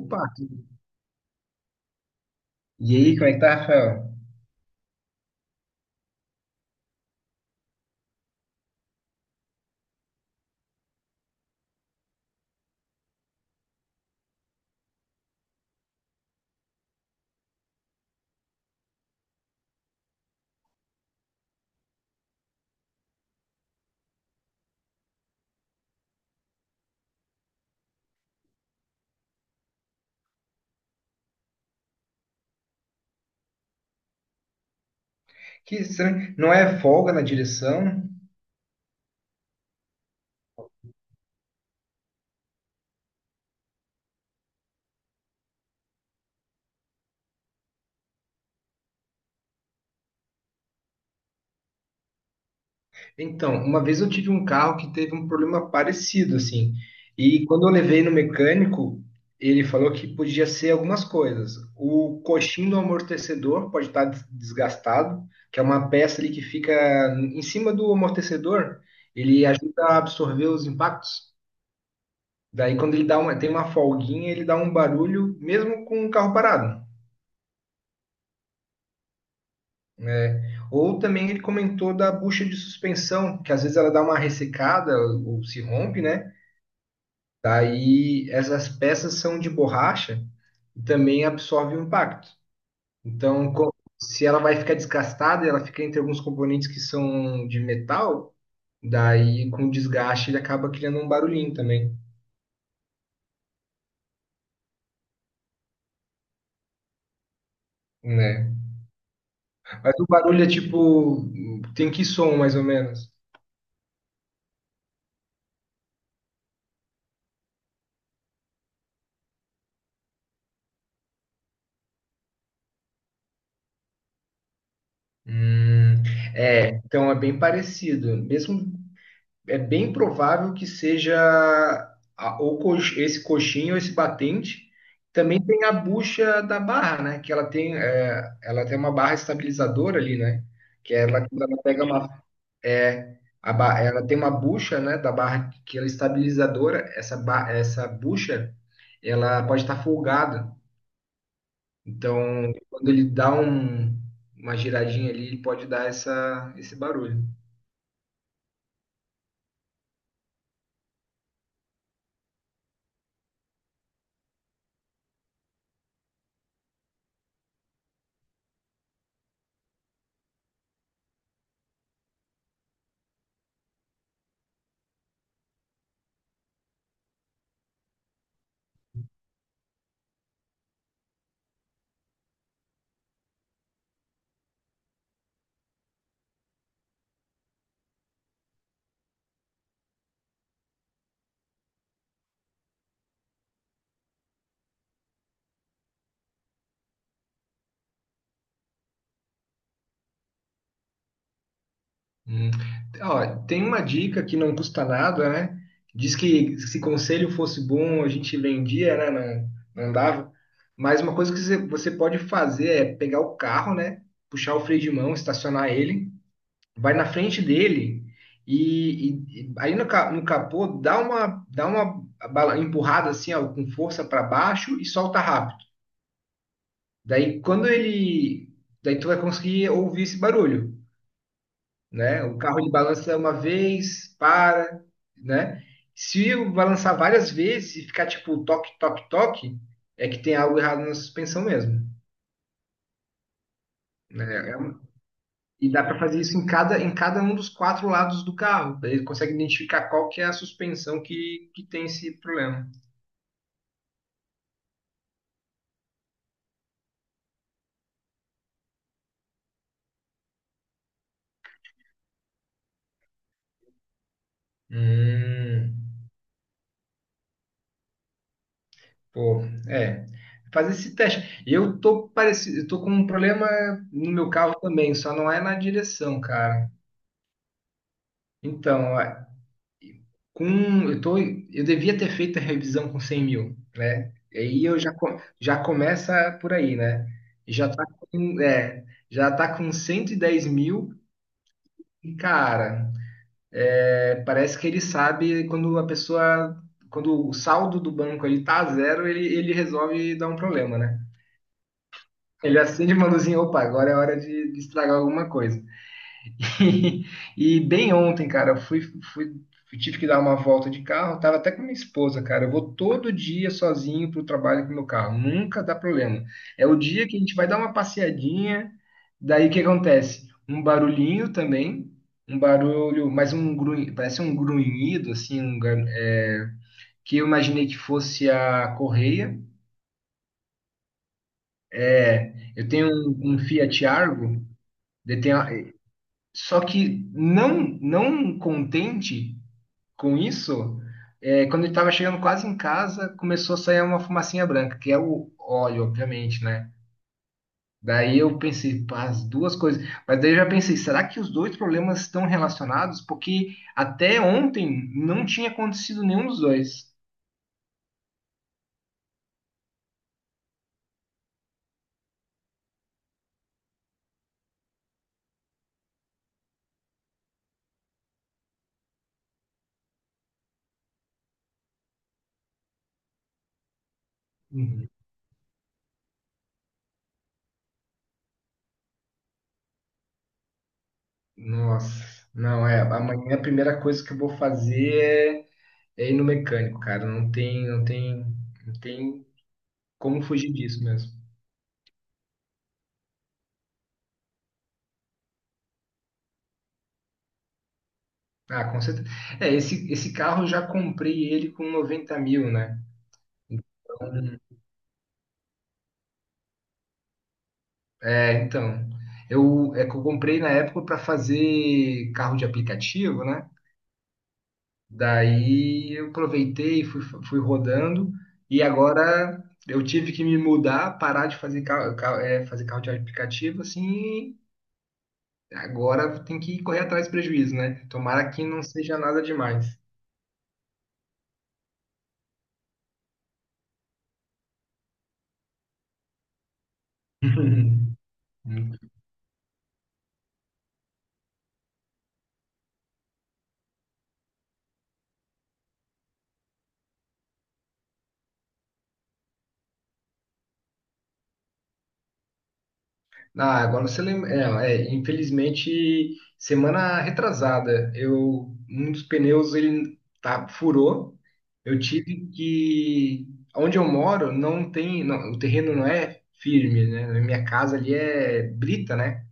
Opa! E aí, como é que tá, Rafael? Que estranho. Não é folga na direção? Então, uma vez eu tive um carro que teve um problema parecido, assim. E quando eu levei no mecânico, ele falou que podia ser algumas coisas. O coxim do amortecedor pode estar desgastado, que é uma peça ali que fica em cima do amortecedor. Ele ajuda a absorver os impactos. Daí, quando ele dá uma, tem uma folguinha, ele dá um barulho, mesmo com o carro parado. É. Ou também ele comentou da bucha de suspensão, que às vezes ela dá uma ressecada ou se rompe, né? Daí essas peças são de borracha e também absorve o impacto. Então, se ela vai ficar desgastada, ela fica entre alguns componentes que são de metal, daí com o desgaste ele acaba criando um barulhinho também, né? Mas o barulho é tipo, tem que som mais ou menos? Hum, É, então é bem parecido. Mesmo é bem provável que seja esse coxinho, esse batente. Também tem a bucha da barra, né? Que ela tem, é, Ela tem uma barra estabilizadora ali, né? Que é ela, quando ela pega uma, ela tem uma bucha, né? Da barra que ela é estabilizadora. Essa bucha, ela pode estar folgada. Então, quando ele dá uma giradinha ali, ele pode dar esse barulho. Hum. Ó, tem uma dica que não custa nada, né? Diz que se conselho fosse bom, a gente vendia, né? Não, não dava. Mas uma coisa que você pode fazer é pegar o carro, né? Puxar o freio de mão, estacionar ele, vai na frente dele e aí no capô dá uma empurrada assim, ó, com força para baixo e solta rápido. Daí quando ele, daí tu vai conseguir ouvir esse barulho, né? O carro ele balança uma vez, para, né? Se eu balançar várias vezes e ficar tipo toque, toque, toque, é que tem algo errado na suspensão mesmo, né? E dá para fazer isso em cada um dos quatro lados do carro. Daí ele consegue identificar qual que é a suspensão que tem esse problema. Hum, pô, é. Fazer esse teste. Eu tô com um problema no meu carro também, só não é na direção, cara. Então, com eu tô eu devia ter feito a revisão com 100.000, né? E aí eu já começa por aí, né? E já tá com, é, com 110.000. E, cara, parece que ele sabe quando a pessoa quando o saldo do banco ele tá a zero, ele resolve dar um problema, né? Ele acende uma luzinha. Opa, agora é hora de estragar alguma coisa. E bem ontem, cara, eu tive que dar uma volta de carro, tava até com minha esposa, cara. Eu vou todo dia sozinho pro trabalho com meu carro, nunca dá problema. É o dia que a gente vai dar uma passeadinha, daí o que acontece? Um barulhinho também, um barulho, mas um grunhido, parece um grunhido, assim, que eu imaginei que fosse a correia. É, eu tenho um Fiat Argo, ele tem só que não contente com isso, quando ele tava chegando quase em casa, começou a sair uma fumacinha branca, que é o óleo, obviamente, né? Daí eu pensei, pá, as duas coisas. Mas daí eu já pensei, será que os dois problemas estão relacionados? Porque até ontem não tinha acontecido nenhum dos dois. Uhum. Nossa, não é? Amanhã a primeira coisa que eu vou fazer é ir no mecânico, cara. Não tem como fugir disso mesmo. Ah, com certeza. É, esse carro eu já comprei ele com 90.000, né? Então, É, então. É que eu comprei na época para fazer carro de aplicativo, né? Daí eu aproveitei, fui rodando, e agora eu tive que me mudar, parar de fazer carro, fazer carro de aplicativo, assim. Agora tem que correr atrás do prejuízo, né? Tomara que não seja nada demais. Muito Ah, agora você lembra. Infelizmente, semana retrasada, eu um dos pneus ele tá, furou. Eu tive que. Onde eu moro não tem. Não, o terreno não é firme, né? Minha casa ali é brita, né?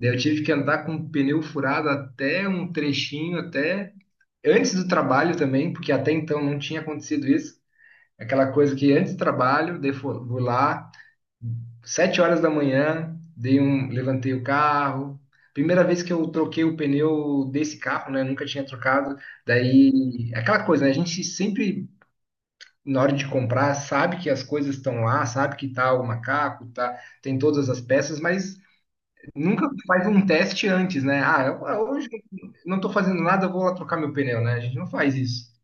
Daí eu tive que andar com o pneu furado até um trechinho, até antes do trabalho também, porque até então não tinha acontecido isso. Aquela coisa que antes do trabalho, daí vou lá. 7 horas da manhã, levantei o carro. Primeira vez que eu troquei o pneu desse carro, né? Nunca tinha trocado. Daí, aquela coisa, né? A gente sempre, na hora de comprar, sabe que as coisas estão lá, sabe que tá o macaco, tá, tem todas as peças, mas nunca faz um teste antes, né? Ah, hoje não tô fazendo nada, eu vou lá trocar meu pneu, né? A gente não faz isso.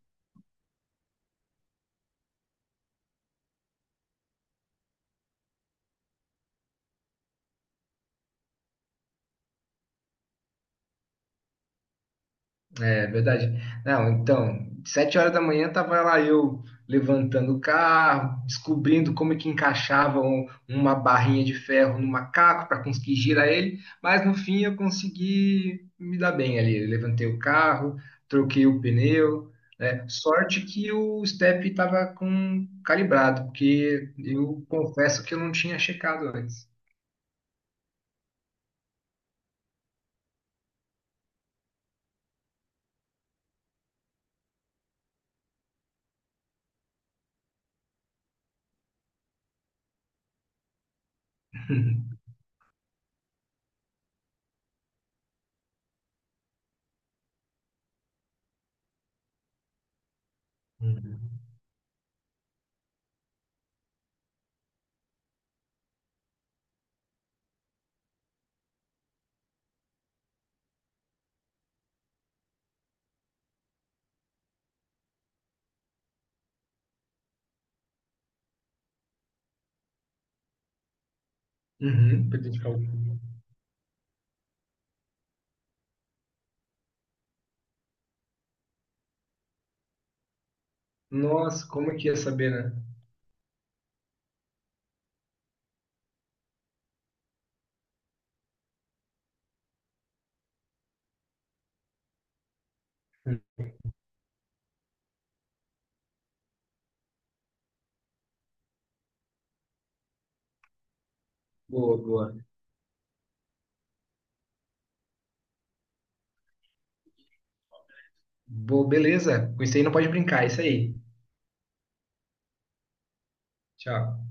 É verdade. Não, então, 7 horas da manhã tava lá eu levantando o carro, descobrindo como é que encaixava uma barrinha de ferro no macaco para conseguir girar ele, mas no fim eu consegui me dar bem ali. Eu levantei o carro, troquei o pneu, né? Sorte que o step estava com calibrado, porque eu confesso que eu não tinha checado antes. Uhum, uhum, Nossa, como é que ia saber, né? Boa, boa. Boa, beleza. Com isso aí não pode brincar, é isso aí. Tchau.